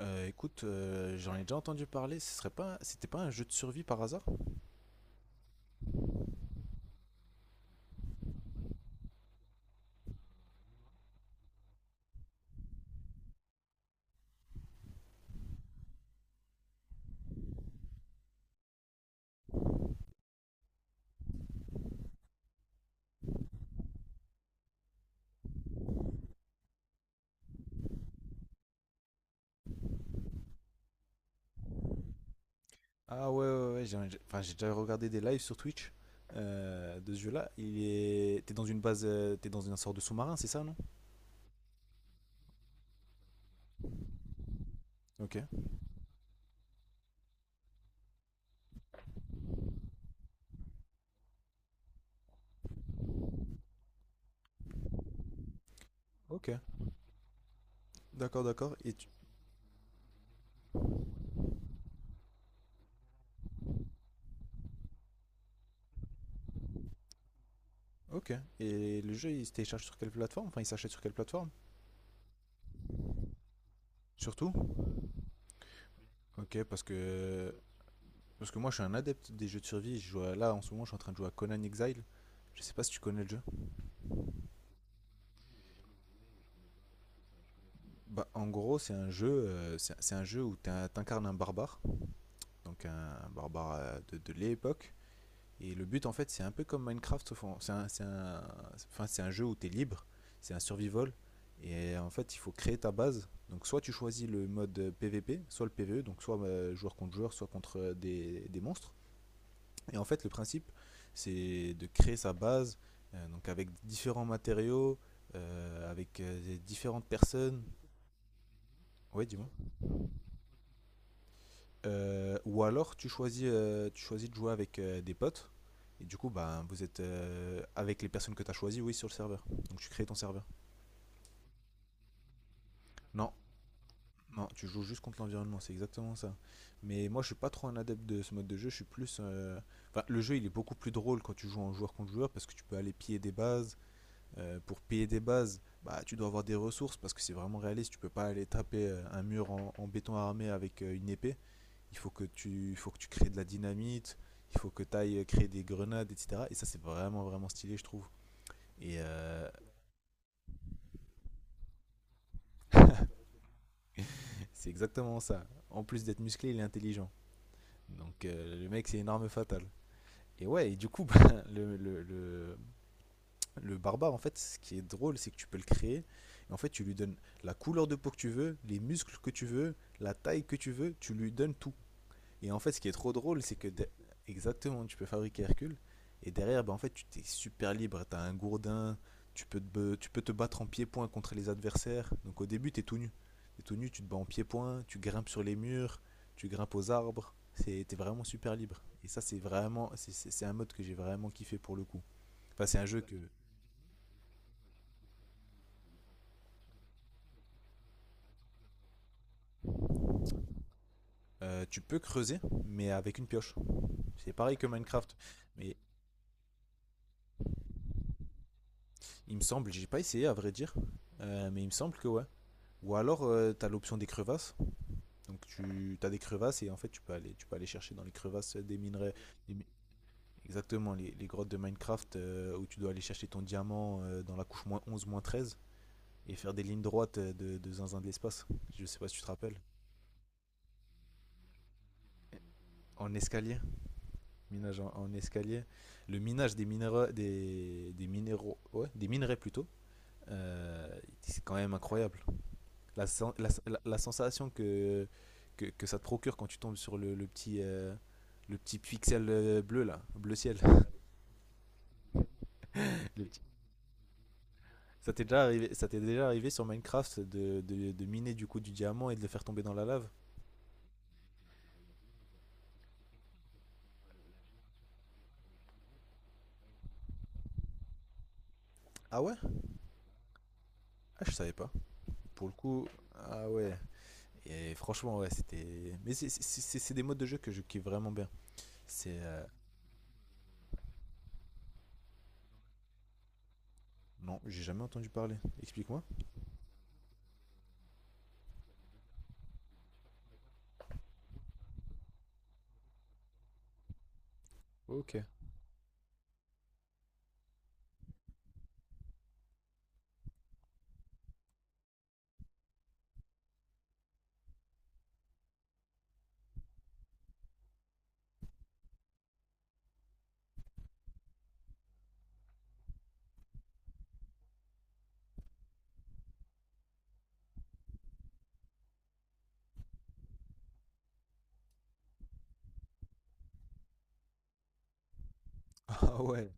Écoute, j'en ai déjà entendu parler. Ce serait pas, C'était pas un jeu de survie par hasard? Ah ouais, ouais, ouais. J'ai Enfin, j'ai déjà regardé des lives sur Twitch, de ce jeu-là. T'es dans une base, t'es dans une sorte de sous-marin, c'est ça, non? Ok, ok. D'accord, d'accord. Ok. Et le jeu, il se télécharge sur quelle plateforme? Enfin, il s'achète sur quelle plateforme? Surtout? Ok, parce que moi, je suis un adepte des jeux de survie. Là en ce moment, je suis en train de jouer à Conan Exile. Je sais pas si tu connais le jeu. Bah, en gros, c'est un jeu où t'incarnes un barbare, donc un barbare, de l'époque. Et le but, en fait, c'est un peu comme Minecraft, c'est un, un, enfin, c'est un jeu où tu es libre, c'est un survival. Et en fait, il faut créer ta base. Donc, soit tu choisis le mode, PVP, soit le PVE, donc soit, joueur contre joueur, soit contre, des monstres. Et en fait, le principe, c'est de créer sa base, donc avec différents matériaux, avec différentes personnes. Ouais, dis-moi. Ou alors tu choisis de jouer avec, des potes. Et du coup, bah, vous êtes, avec les personnes que tu as choisies, oui, sur le serveur. Donc tu crées ton serveur. Non, non, tu joues juste contre l'environnement, c'est exactement ça. Mais moi, je suis pas trop un adepte de ce mode de jeu. Je suis plus. Enfin, le jeu, il est beaucoup plus drôle quand tu joues en joueur contre joueur parce que tu peux aller piller des bases. Pour piller des bases, bah, tu dois avoir des ressources parce que c'est vraiment réaliste. Tu peux pas aller taper, un mur en béton armé avec, une épée. Il faut que tu crées de la dynamite, il faut que tu ailles créer des grenades, etc. Et ça, c'est vraiment, vraiment stylé, je trouve. Et euh, c'est exactement ça. En plus d'être musclé, il est intelligent. Donc, le mec, c'est une arme fatale. Et ouais, et du coup, bah, le barbare, en fait, ce qui est drôle, c'est que tu peux le créer. Et en fait, tu lui donnes la couleur de peau que tu veux, les muscles que tu veux, la taille que tu veux, tu lui donnes tout. Et en fait, ce qui est trop drôle, c'est que exactement, tu peux fabriquer Hercule. Et derrière, bah, en fait, tu t'es super libre. T'as un gourdin. Tu peux te battre en pied-point contre les adversaires. Donc au début, t'es tout nu. T'es tout nu, tu te bats en pied-point. Tu grimpes sur les murs. Tu grimpes aux arbres. T'es vraiment super libre. Et ça, c'est vraiment. C'est un mode que j'ai vraiment kiffé pour le coup. Enfin, c'est un jeu que. Tu peux creuser, mais avec une pioche. C'est pareil que Minecraft. Mais il me semble, j'ai pas essayé à vrai dire, mais il me semble que ouais. Ou alors, tu as l'option des crevasses. Donc, tu as des crevasses et en fait, tu peux aller chercher dans les crevasses des minerais. des mi- Exactement, les grottes de Minecraft, où tu dois aller chercher ton diamant, dans la couche -11 -13, et faire des lignes droites, de zinzin de l'espace. Je sais pas si tu te rappelles. En escalier. Minage en escalier. Le minage des minéraux. Des minéraux. Ouais, des minerais plutôt. C'est quand même incroyable. La sensation que ça te procure quand tu tombes sur le petit pixel, bleu là, bleu ciel. Ça t'est déjà arrivé sur Minecraft de miner du coup du diamant et de le faire tomber dans la lave. Ah ouais? Ah, je savais pas. Pour le coup, ah ouais. Et franchement, ouais, c'était. Mais c'est des modes de jeu que je kiffe vraiment bien. C'est. Non, j'ai jamais entendu parler. Explique-moi. Ok. Ah ouais.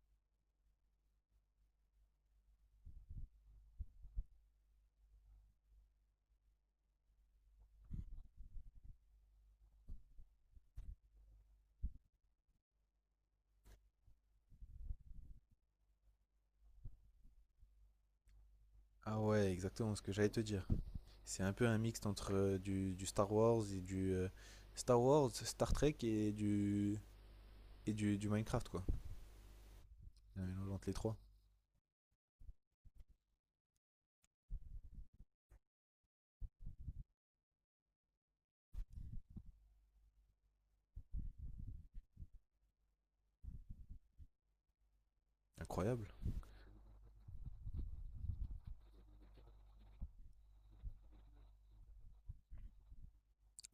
Ah ouais, exactement ce que j'allais te dire. C'est un peu un mixte entre, du Star Wars et du Star Wars, Star Trek et du et du Minecraft quoi. Un mélange entre les trois. Incroyable.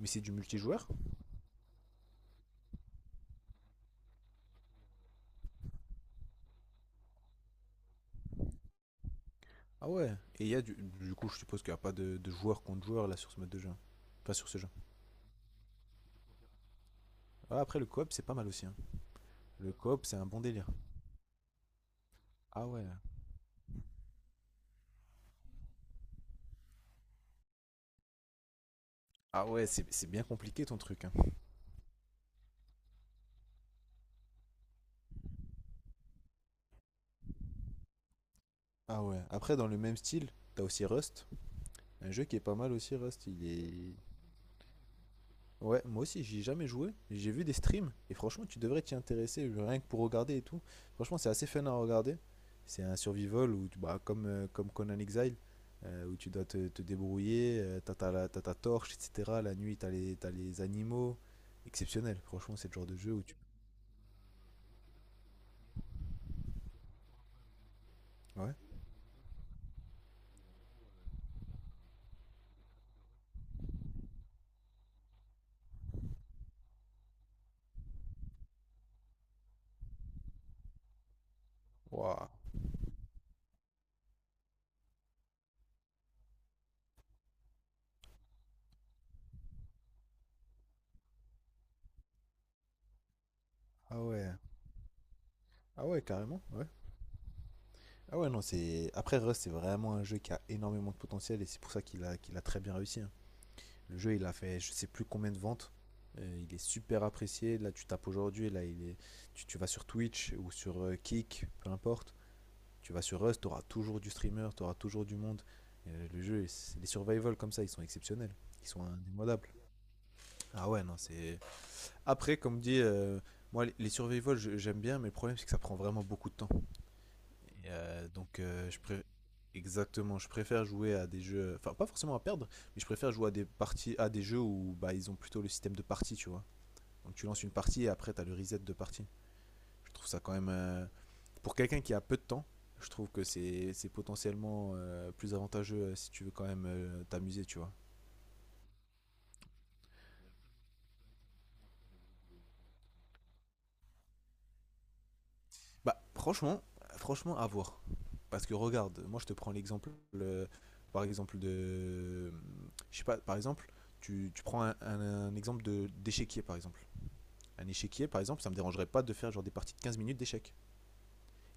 Mais c'est du multijoueur? Ah ouais. Et il y a du coup, je suppose qu'il n'y a pas de joueur contre joueur là sur ce mode de jeu. Enfin, sur ce jeu. Ah, après le coop c'est pas mal aussi. Hein. Le coop c'est un bon délire. Ah ouais. Ah ouais, c'est bien compliqué ton truc. Hein. Ah ouais. Après dans le même style. T'as aussi Rust, un jeu qui est pas mal aussi. Rust, il est, Ouais, moi aussi, j'y ai jamais joué. J'ai vu des streams et franchement, tu devrais t'y intéresser rien que pour regarder et tout. Franchement, c'est assez fun à regarder. C'est un survival où, bah, comme Conan Exile, où tu dois te débrouiller, t'as ta torche, etc. La nuit, t'as les animaux. Exceptionnel, franchement, c'est le genre de jeu où tu. Ouais. Waouh. Ah ouais. Ah ouais, carrément, ouais. Ah ouais, non, c'est. Après, Rust, c'est vraiment un jeu qui a énormément de potentiel et c'est pour ça qu'il a, très bien réussi. Hein. Le jeu, il a fait je sais plus combien de ventes. Il est super apprécié. Là, tu tapes aujourd'hui, là, il est… Tu vas sur Twitch ou sur, Kick, peu importe. Tu vas sur Rust, tu auras toujours du streamer, tu auras toujours du monde. Le jeu, les survival comme ça, ils sont exceptionnels. Ils sont indémodables. Ah ouais, non, c'est. Après, comme dit, moi, survival, j'aime bien, mais le problème, c'est que ça prend vraiment beaucoup de temps. Et, donc, exactement, je préfère jouer à des jeux, enfin pas forcément à perdre, mais je préfère jouer à des parties, à des jeux où bah ils ont plutôt le système de partie, tu vois. Donc tu lances une partie et après t'as le reset de partie. Je trouve ça quand même, pour quelqu'un qui a peu de temps, je trouve que c'est potentiellement, plus avantageux, si tu veux quand même, t'amuser, tu vois. Bah franchement, franchement à voir. Parce que regarde, moi je te prends l'exemple, par exemple de, je sais pas, par exemple, tu prends un exemple de d'échiquier par exemple. Un échiquier par exemple, ça me dérangerait pas de faire genre des parties de 15 minutes d'échecs.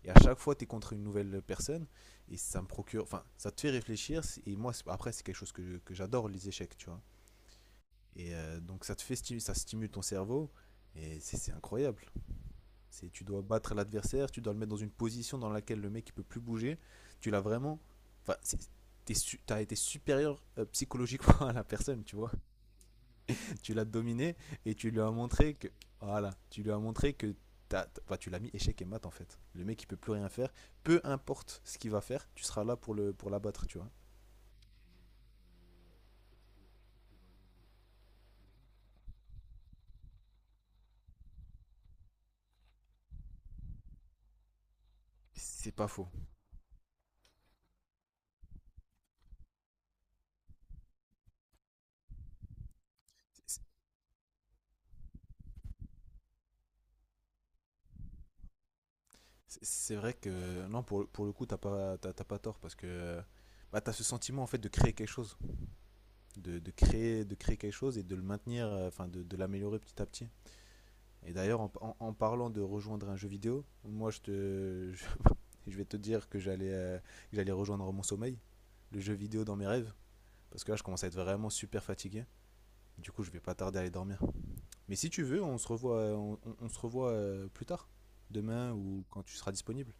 Et à chaque fois, tu es contre une nouvelle personne et ça me procure, enfin, ça te fait réfléchir. Et moi, après, c'est quelque chose que j'adore les échecs, tu vois. Et donc ça te fait stimuler, ça stimule ton cerveau et c'est incroyable. C'est, tu dois battre l'adversaire, tu dois le mettre dans une position dans laquelle le mec il peut plus bouger. Tu l'as vraiment, enfin, t'es t'as été supérieur, psychologiquement à la personne, tu vois. Tu l'as dominé et tu lui as montré que, voilà, tu lui as montré que enfin, tu l'as mis échec et mat en fait. Le mec il peut plus rien faire, peu importe ce qu'il va faire, tu seras là pour le pour l'abattre, tu vois. C'est pas faux. C'est- C'est vrai que non, pour pour le coup t'as pas tort parce que bah, t'as ce sentiment en fait de créer quelque chose, de créer quelque chose et de le maintenir, enfin de l'améliorer petit à petit. Et d'ailleurs, en, en parlant de rejoindre un jeu vidéo, moi vais te dire que j'allais, rejoindre mon sommeil, le jeu vidéo dans mes rêves, parce que là je commence à être vraiment super fatigué. Du coup, je vais pas tarder à aller dormir. Mais si tu veux, on se revoit, plus tard, demain ou quand tu seras disponible.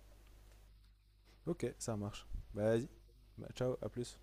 Ok, ça marche. Bah, vas-y. Bah, ciao, à plus.